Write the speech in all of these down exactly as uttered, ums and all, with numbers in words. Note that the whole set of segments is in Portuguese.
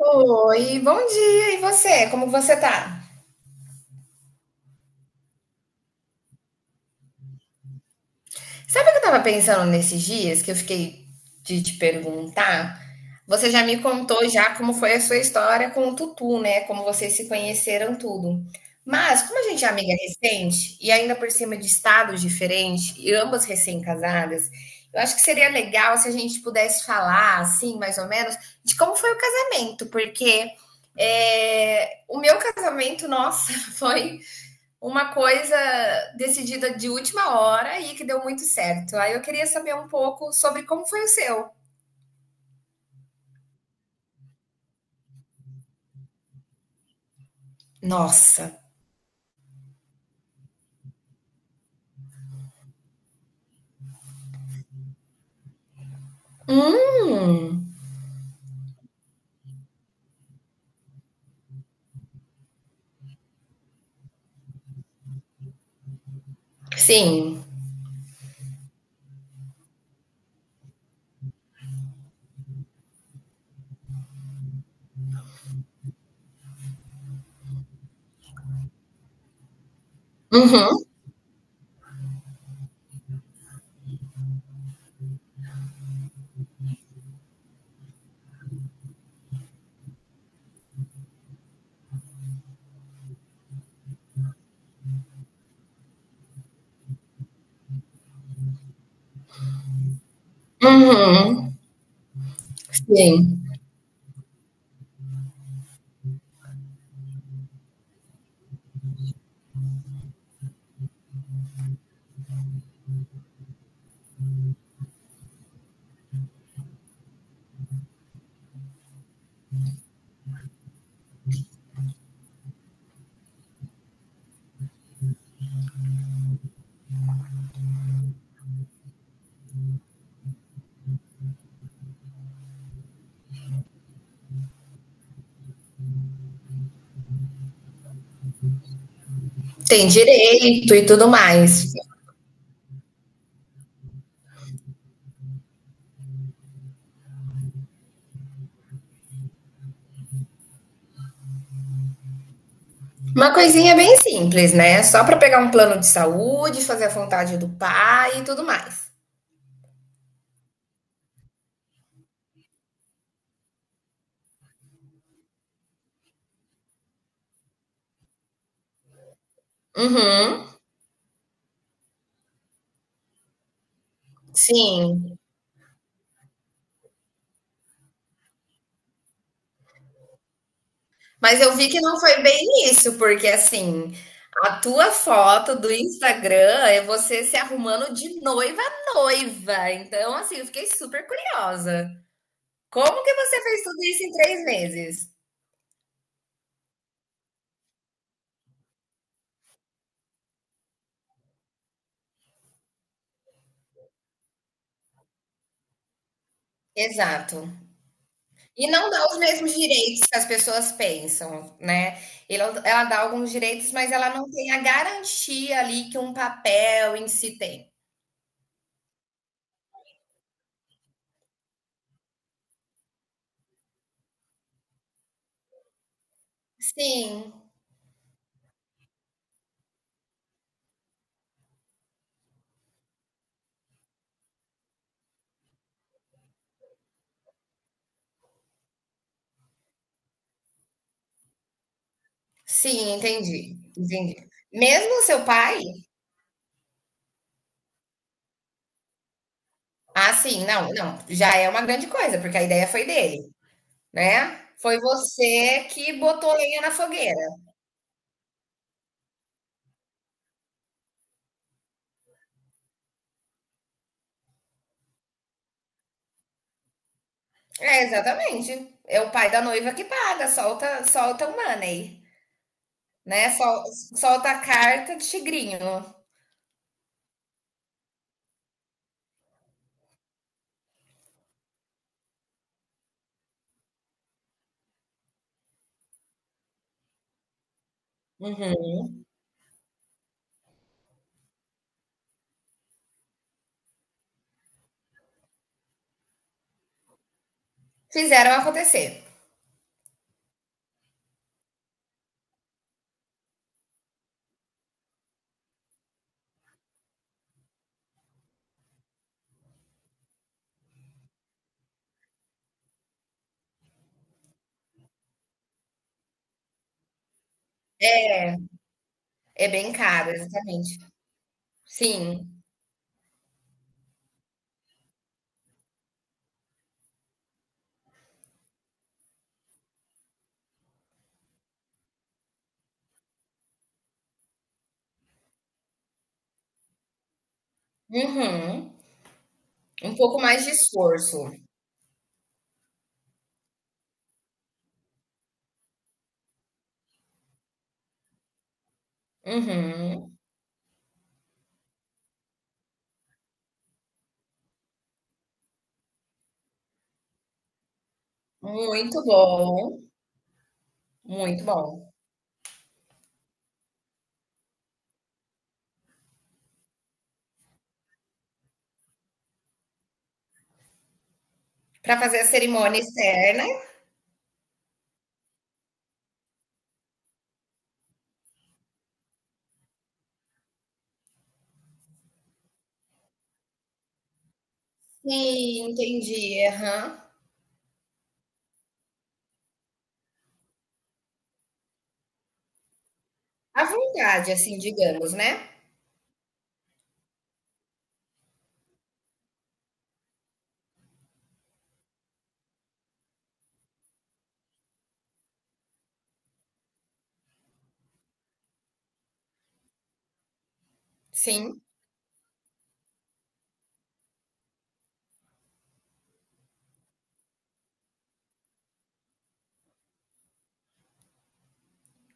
Oi, bom dia. E você? Como você tá? Sabe o que eu tava pensando nesses dias que eu fiquei de te perguntar? Você já me contou já como foi a sua história com o Tutu, né? Como vocês se conheceram tudo. Mas como a gente é amiga recente e ainda por cima de estados diferentes e ambas recém-casadas, eu acho que seria legal se a gente pudesse falar, assim, mais ou menos, de como foi o casamento, porque é, o meu casamento, nossa, foi uma coisa decidida de última hora e que deu muito certo. Aí eu queria saber um pouco sobre como foi o seu. Nossa. Hum, sim. Uhum, uhum, sim. Tem direito e tudo mais. Uma coisinha bem simples, né? Só para pegar um plano de saúde, fazer a vontade do pai e tudo mais. Uhum, sim. Mas eu vi que não foi bem isso, porque assim, a tua foto do Instagram é você se arrumando de noiva a noiva. Então, assim, eu fiquei super curiosa. Como que você fez tudo isso em três meses? Exato. E não dá os mesmos direitos que as pessoas pensam, né? Ele- Ela dá alguns direitos, mas ela não tem a garantia ali que um papel em si tem. Sim, sim, entendi, entendi. Mesmo o seu pai? Ah, sim, não, não, já é uma grande coisa, porque a ideia foi dele, né? Foi você que botou lenha na fogueira. É, exatamente. É o pai da noiva que paga, solta, solta o money, né? Sol- Solta a carta de tigrinho. Uhum. Fizeram acontecer. É bem caro, exatamente. Sim. Uhum. Um pouco mais de esforço. Uhum. Muito bom, muito bom. Para fazer a cerimônia externa. Sim, entendi. Aham. À vontade, assim, digamos, né. Sim,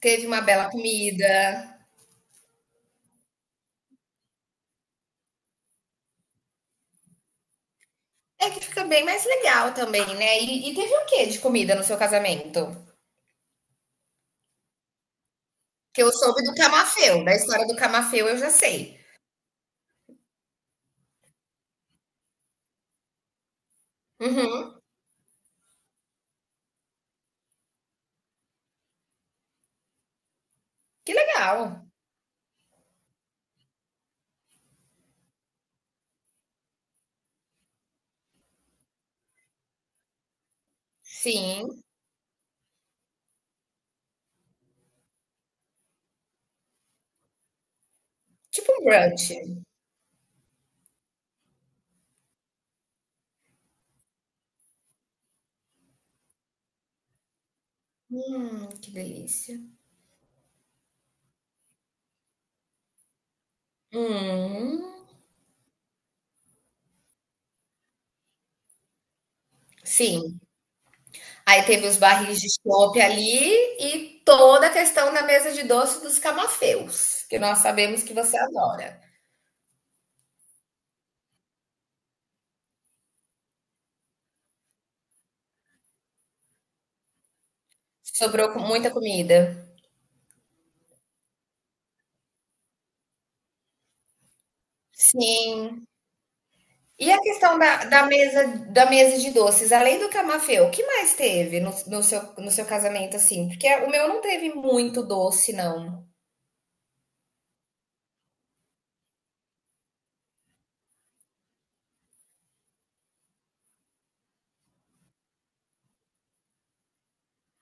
teve uma bela comida. É que fica bem mais legal também, né. E e teve o que de comida no seu casamento? Que eu soube do camafeu, da história do camafeu eu já sei. Uhum. Que legal. Sim, tipo um brunch. Hum, que delícia. Hum, sim. Aí teve os barris de chopp ali e toda a questão da mesa de doce dos camafeus, que nós sabemos que você adora. Sobrou com muita comida? Sim. E a questão da, da mesa da mesa de doces, além do camafeu, o que mais teve no, no seu, no seu casamento, assim? Porque o meu não teve muito doce, não.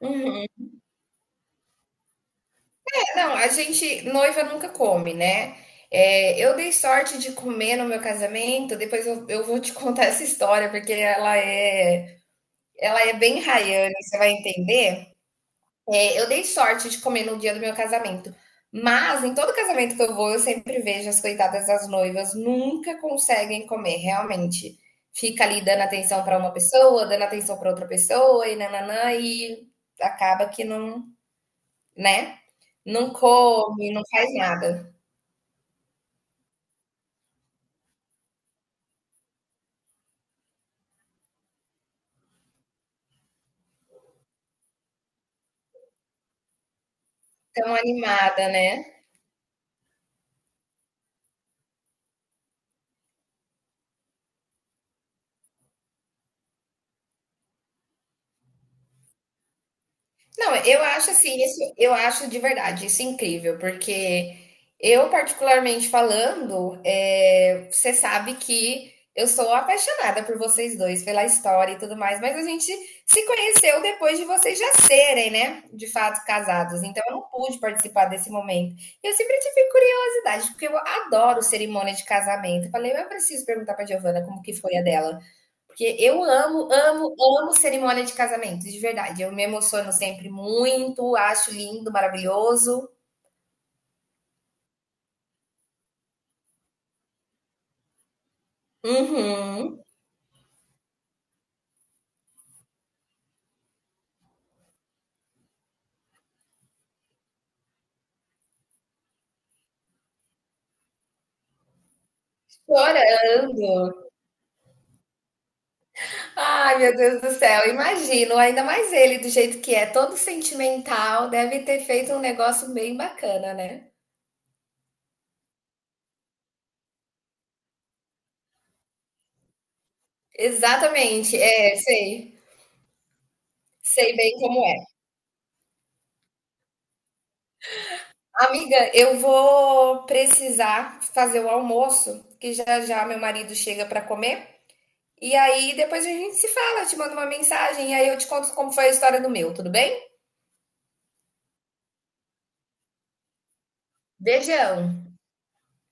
Uhum. É, não, a gente, noiva nunca come, né? É, eu dei sorte de comer no meu casamento, depois eu, eu vou te contar essa história, porque ela é, ela é bem raiana, você vai entender. É, eu dei sorte de comer no dia do meu casamento. Mas em todo casamento que eu vou, eu sempre vejo as coitadas das noivas nunca conseguem comer, realmente. Fica ali dando atenção para uma pessoa, dando atenção para outra pessoa e nananã, e acaba que não, né? Não come, não faz nada. Tão animada, né? Não, eu acho assim, isso, eu acho de verdade isso é incrível, porque eu, particularmente falando, é, você sabe que eu sou apaixonada por vocês dois, pela história e tudo mais, mas a gente se conheceu depois de vocês já serem, né, de fato casados, então eu não pude participar desse momento. E eu sempre tive curiosidade, porque eu adoro cerimônia de casamento. Eu falei, eu preciso perguntar para Giovana como que foi a dela. Porque eu amo, amo, amo cerimônia de casamento, de verdade. Eu me emociono sempre muito, acho lindo, maravilhoso. Uhum, chorando. Ai, meu Deus do céu, imagino. Ainda mais ele, do jeito que é, todo sentimental, deve ter feito um negócio bem bacana, né? Exatamente, é, sei. Sei bem como é. Amiga, eu vou precisar fazer o almoço, que já já meu marido chega para comer. E aí depois a gente se fala, eu te mando uma mensagem e aí eu te conto como foi a história do meu, tudo bem? Beijão.